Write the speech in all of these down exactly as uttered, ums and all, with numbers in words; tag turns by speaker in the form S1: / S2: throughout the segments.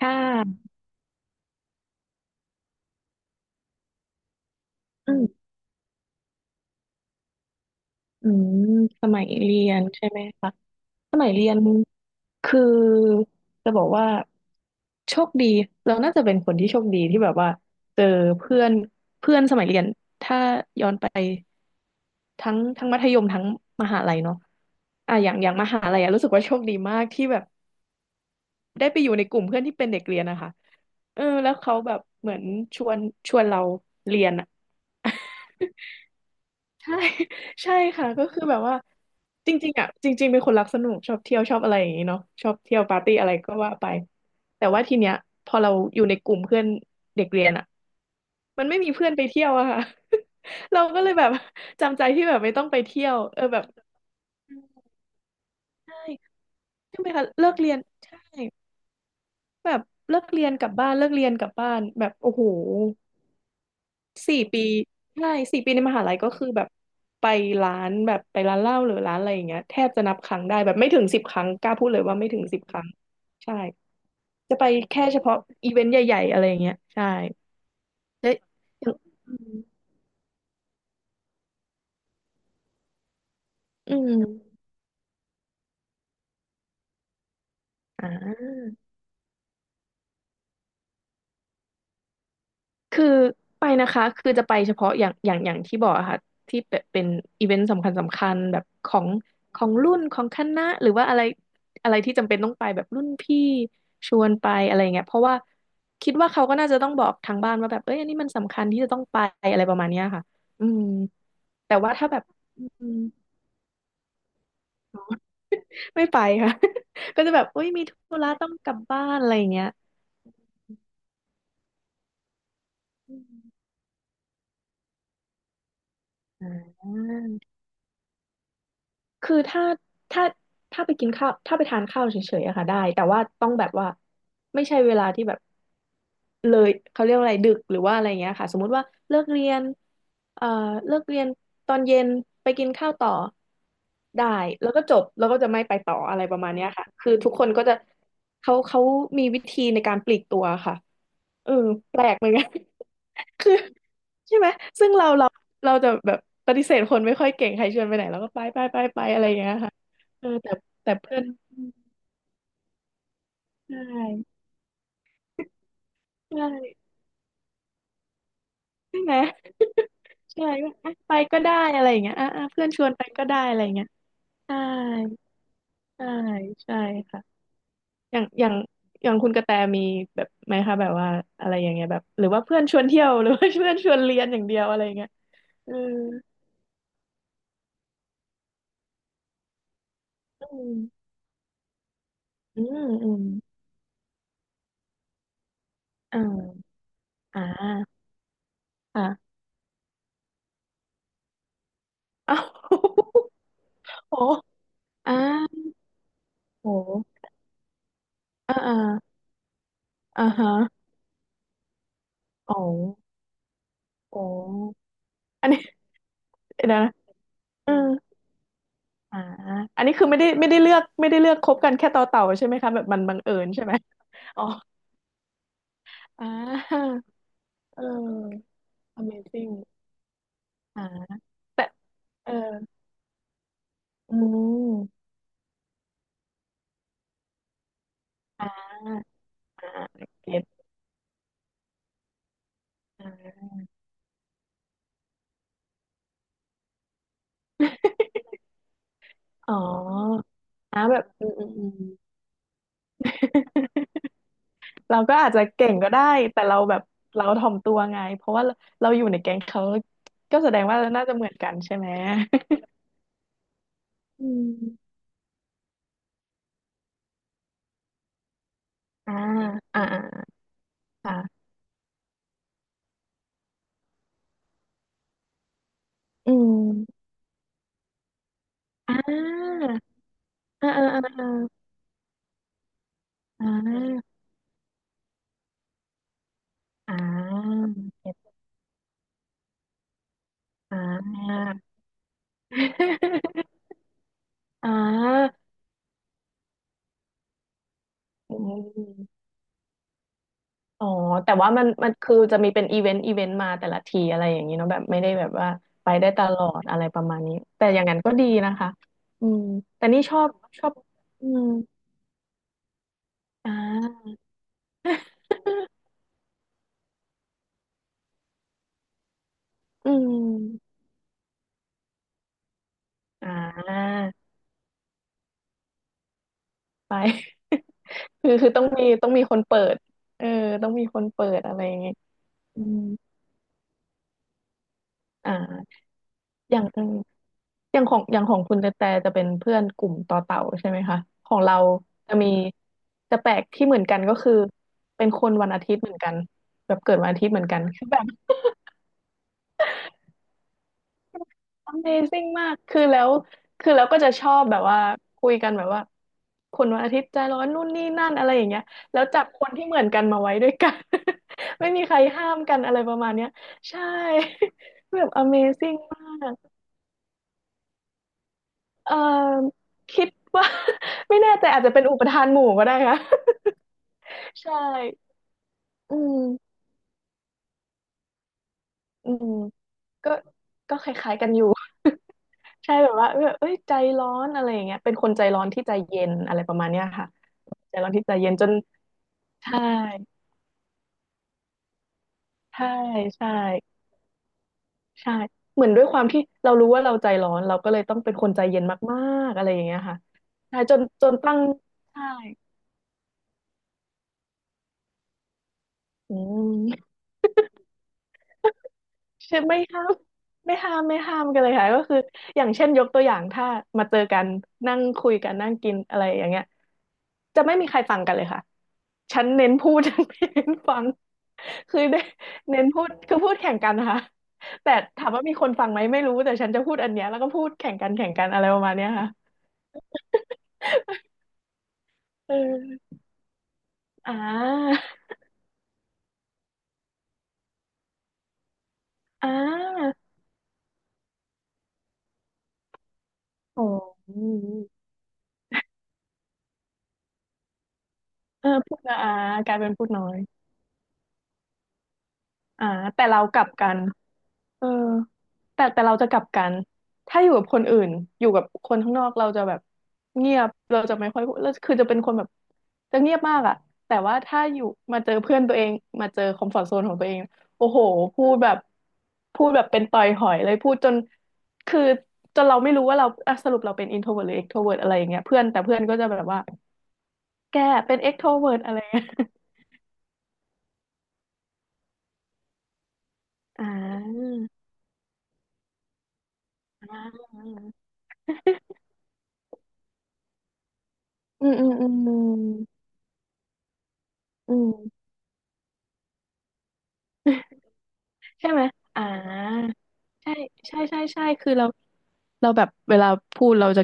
S1: ค่ะอืมอืมสมัยเรียนใช่ไหมคะสมัยเรียนคือจะบอกว่าโชคดีเราน่าจะเป็นคนที่โชคดีที่แบบว่าเจอเพื่อนเพื่อนสมัยเรียนถ้าย้อนไปทั้งทั้งมัธยมทั้งมหาลัยเนาะอ่ะอย่างอย่างมหาลัยอะรู้สึกว่าโชคดีมากที่แบบได้ไปอยู่ในกลุ่มเพื่อนที่เป็นเด็กเรียนนะคะเออแล้วเขาแบบเหมือนชวนชวนเราเรียนอะ ใช่ ใช่ค่ะก็คือแบบว่าจริงๆอ่ะจริงๆเป็นคนรักสนุกชอบเที่ยวชอบอะไรอย่างนี้เนาะชอบเที่ยวปาร์ตี้อะไรก็ว่าไปแต่ว่าทีเนี้ยพอเราอยู่ในกลุ่มเพื่อนเด็กเรียนอ่ะมันไม่มีเพื่อนไปเที่ยวอะค่ะ เราก็เลยแบบจำใจที่แบบไม่ต้องไปเที่ยวเออแบบใช่ใช่ไหมคะเลิกเรียนใช่แบบเลิกเรียนกลับบ้านเลิกเรียนกลับบ้านแบบโอ้โห สี่ปีใช่สี่ปีในมหาลัยก็คือแบบไปร้านแบบไปร้านเหล้าหรือร้านอะไรอย่างเงี้ยแทบจะนับครั้งได้แบบไม่ถึงสิบครั้งกล้าพูดเลยว่าไม่ถึงสิบครั้งใช่จะไปแค่เฉพาะอีเวนต์ใหญ่ๆอะไรอย่างเงี้ยใช่แล้วอย่างอืมอืมอ่า คือไปนะคะคือจะไปเฉพาะอย่างอย่างอย่างที่บอกอะค่ะที่เป็นเป็นอีเวนต์สำคัญสำคัญแบบของของรุ่นของคณะหรือว่าอะไรอะไรที่จำเป็นต้องไปแบบรุ่นพี่ชวนไปอะไรเงี้ยเพราะว่าคิดว่าเขาก็น่าจะต้องบอกทางบ้านว่าแบบเอ้ยอันนี้มันสำคัญที่จะต้องไปอะไรประมาณเนี้ยค่ะอืมแต่ว่าถ้าแบบอืมไม่ไปค่ะ ก็จะแบบเอ้ยมีธุระต้องกลับบ้านอะไรอย่างเงี้ยอืมอ่า คือถ้าถ้าถ้าไปกินข้าวถ้าไปทานข้าวเฉยๆอะค่ะได้แต่ว่าต้องแบบว่าไม่ใช่เวลาที่แบบเลยเขาเรียกว่าอะไรดึกหรือว่าอะไรเงี้ยค่ะสมมุติว่าเลิกเรียนเอ่อเลิกเรียนตอนเย็นไปกินข้าวต่อได้แล้วก็จบแล้วก็จะไม่ไปต่ออะไรประมาณเนี้ยค่ะคือทุกคนก็จะเขาเขามีวิธีในการปลีกตัวค่ะเออแปลกเหมือนกัน คือ ใช่ไหมซึ่งเราเราเราจะแบบปฏิเสธคนไม่ค่อยเก่งใครชวนไปไหนเราก็ไปไปไปไปอะไรอย่างเงี้ยค่ะเออแต่แต่เพื่อนใช่ใช่ใช่ไหม ใช่ก็อ่ะไปก็ได้อะไรอย่างเงี้ยอ่ะอ่ะเพื่อนชวนไปก็ได้อะไรอย่างเงี้ยใช่ใช่ใช่ค่ะอย่างอย่างอย่างคุณกระแตมีแบบไหมคะแบบว่าอะไรอย่างเงี้ยแบบหรือว่าเพื่อนชวนเที่ยว หรือว่าเพื่อนชวนเรียนอย่างเดียวอะไรอย่างเงี้ยเอออืมอืมอืมอ่าอ่า อ้าว โอ้อ่าโอ้อ่าอ่าอ่าฮะโอ้โอ้อันนี้ เดี๋ยวนะเอือ่าอันนี้คือไม่ได้ไม่ได้เลือกไม่ได้เลือกคบกันแค่ต่อเต่าใช่ไหมคะแบบมันบังเอิญใช่ไหมอ๋ออ่าเออ Amazing อ่าแต่เอออืมอ่าอ่าเก็ตอ่าอ๋ออ่าแบบอืมอืมอืม เราก็อาจจะเก่งก็ได้แต่เราแบบเราถ่อมตัวไงเพราะว่าเราเราอยู่ในแก๊งเขาก็แสดงว่าเราน่าจะเหมือนกันใช่ไหม อืมอ่าอ่าอ่าค่ะอืมอ่าอ่าอ่าอ่าอ่าอ่าเก็ตอ่า อ่าอืม อ๋อแต่ว่ามันมันคือจะมีเป็นอีเวนต์อีเวนต์มาแต่ละทีอะไรอย่างนี้เนาะแบบไม่ได้แบบว่าไปได้ตลอดอะไรประมาณนี้แต่อย่างนั้นก็ดีนะคะอืมแต่นี่ชอบชอบอืมอ่า อืมอ่าไป คือคือต้องมีต้องมีคนเปิดเออต้องมีคนเปิดอะไรอย่างงี้ยอืมอ่าอย่างอืม อย่างของอย่างของคุณแต่แต่จะเป็นเพื่อนกลุ่มต่อเต่าใช่ไหมคะของเราจะมีจะแปลกที่เหมือนกันก็คือเป็นคนวันอาทิตย์เหมือนกันแบบเกิดวันอาทิตย์เหมือนกันคือแบบ Amazing มากคือแล้วคือแล้วก็จะชอบแบบว่าคุยกันแบบว่าคนวันอาทิตย์ใจร้อนนู่นนี่นั่นอะไรอย่างเงี้ยแล้วจับคนที่เหมือนกันมาไว้ด้วยกัน ไม่มีใครห้ามกันอะไรประมาณเนี้ยใช่ แบบ Amazing มากเอ่อคิดว่า ไม่แน่ใจอาจจะเป็นอุปทานหมู่ก็ได้ค่ะ ใช่อืมอืมก็ก็คล้ายๆกันอยู่ ใช่แบบว่าเออเอ้ยใจร้อนอะไรอย่างเงี้ยเป็นคนใจร้อนที่ใจเย็นอะไรประมาณเนี้ยค่ะใจร้อนที่ใจเย็นจนใช่ใช่ใช่ใช่เหมือนด้วยความที่เรารู้ว่าเราใจร้อนเราก็เลยต้องเป็นคนใจเย็นมากๆอะไรอย่างเงี้ยค่ะใช่จนจนตั้งใช่อืม ใช่ไม่ห้ามไม่ห้ามไม่ห้ามกันเลยค่ะก็คืออย่างเช่นยกตัวอย่างถ้ามาเจอกันนั่งคุยกันนั่งกินอะไรอย่างเงี้ยจะไม่มีใครฟังกันเลยค่ะฉันเน้นพูด ฉันไม่เน้นฟังคือเน้นเน้นพูดคือพูดแข่งกันนะคะแต่ถามว่ามีคนฟังไหมไม่รู้แต่ฉันจะพูดอันเนี้ยแล้วก็พูดแข่งกันแข่งกันอะไรประมาณเนี้ยค่ะเอออ่าอ่าโอ้เออพูดนะอ่ากลายเป็นพูดน้อยอ่าแต่เรากลับกัน เออแต่แต่เราจะกลับกันถ้าอยู่กับคนอื่นอยู่กับคนข้างนอกเราจะแบบเงียบเราจะไม่ค่อยพูดแล้วคือจะเป็นคนแบบจะเงียบมากอะแต่ว่าถ้าอยู่มาเจอเพื่อนตัวเองมาเจอคอมฟอร์ z โซนของตัวเองโอ้โหพูดแบบพูดแบบเป็นต่อยหอยเลยพูดจนคือจนเราไม่รู้ว่าเราอ่ะสรุปเราเป็นอินโทรเวิร์หรือเอ็กโทรเวิร์อะไรอย่างเงี้ยเพื่อนแต่เพื่อนก็จะแบบว่าแกเป็นเอ็กโทรเวิร์อะไรเงี้ย อ่า อ่าอืมอืมอืมอืม ใช่ไหมอ่าใช่ใช่ใช่ใช่คือเราเราแบบเวลาพูดเราจะ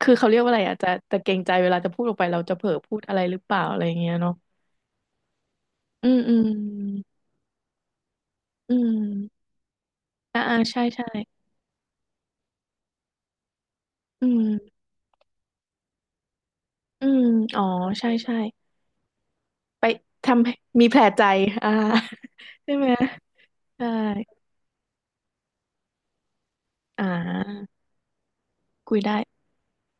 S1: คือเขาเรียกว่าอะไรอ่ะจะจะเกรงใจเวลาจะพูดออกไปเราจะเผลอพูดอะไรหรือเปล่าอะไรอย่างเงี้ยเนาะอืมอืมอืมอ่าอ่าใช่ใช่อืมอืมอ๋อใช่ใช่ไปทำให้มีแผลใจอ่า ใช่ไหมใช่อ่าคุยได้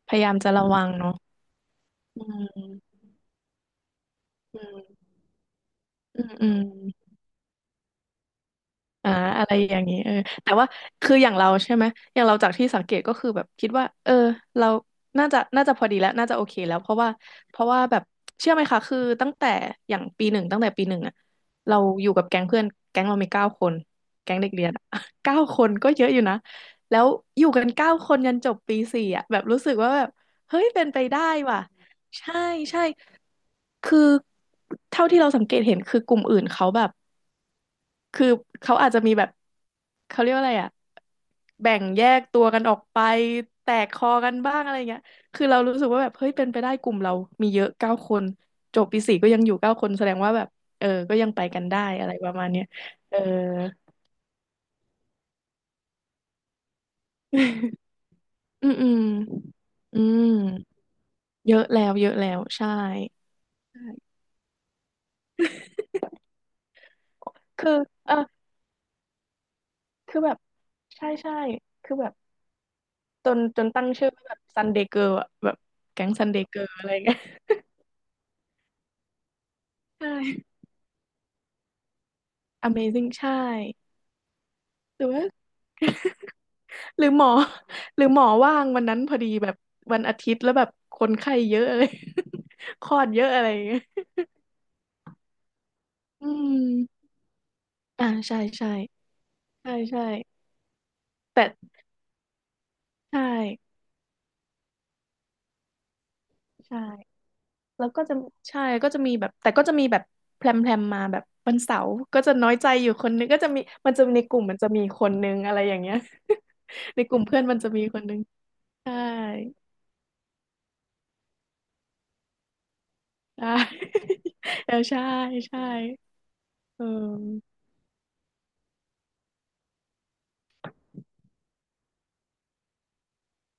S1: พยายามจะระวังเนาะอืมอืมอืมอืม อ่าอะไรอย่างนี้เออแต่ว่าคืออย่างเราใช่ไหมอย่างเราจากที่สังเกตก็คือแบบคิดว่าเออเราน่าจะน่าจะพอดีแล้วน่าจะโอเคแล้วเพราะว่าเพราะว่าแบบเชื่อไหมคะคือตั้งแต่อย่างปีหนึ่งตั้งแต่ปีหนึ่งอะเราอยู่กับแก๊งเพื่อนแก๊งเรามีเก้าคนแก๊งเด็กเรียนอะ เก้าคนก็เยอะอยู่นะแล้วอยู่กันเก้าคนยันจบปีสี่อะแบบรู้สึกว่าแบบเฮ้ยเป็นไปได้ว่ะใช่ใช่คือเท่าที่เราสังเกตเห็นคือกลุ่มอื่นเขาแบบ คือเขาอาจจะมีแบบเขาเรียกว่าอะไรอะแบ่งแยกตัวกันออกไปแตกคอกันบ้างอะไรเงี้ยคือเรารู้สึกว่าแบบเฮ้ยเป็นไปได้กลุ่มเรามีเยอะเก้าคนจบปีสี่ก็ยังอยู่เก้าคนแสดงว่าแบบเออก็ยังไปกันได้อะไรประมาณเนี้ยเออ อืมอืมอืมเยอะแล้วเยอะแล้วใช่ ใช่คือเออคือแบบใช่ใช่คือแบบจนจนตั้งชื่อว่าแบบซันเดย์เกิร์ลอะแบบแก๊งซันเดย์เกิร์ลอะไรเงี้ย ใช่ Amazing ใช่หรือว่า หรือหมอหรือหมอว่างวันนั้นพอดีแบบวันอาทิตย์แล้วแบบคนไข้เยอะอะไร คลอดเยอะอะไรอย่างเงี้ยอืมอ่าใช่ใช่ใช่ใช่แต่ใช่ใช่แล้วก็จะใช่ก็จะมีแบบแต่ก็จะมีแบบแพรมแพรมมาแบบวันเสาร์ก็จะน้อยใจอยู่คนนึงก็จะมีมันจะมีในกลุ่มมันจะมีคนนึงอะไรอย่างเงี้ย ในกลุ่มเพื่อนมันจะมีคนนึงใช่ใช่ เออใช่ใช่เออ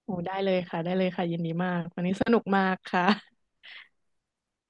S1: โอ้ได้เลยค่ะได้เลยค่ะยินดีมากวันนี้สนุกมากค่ะ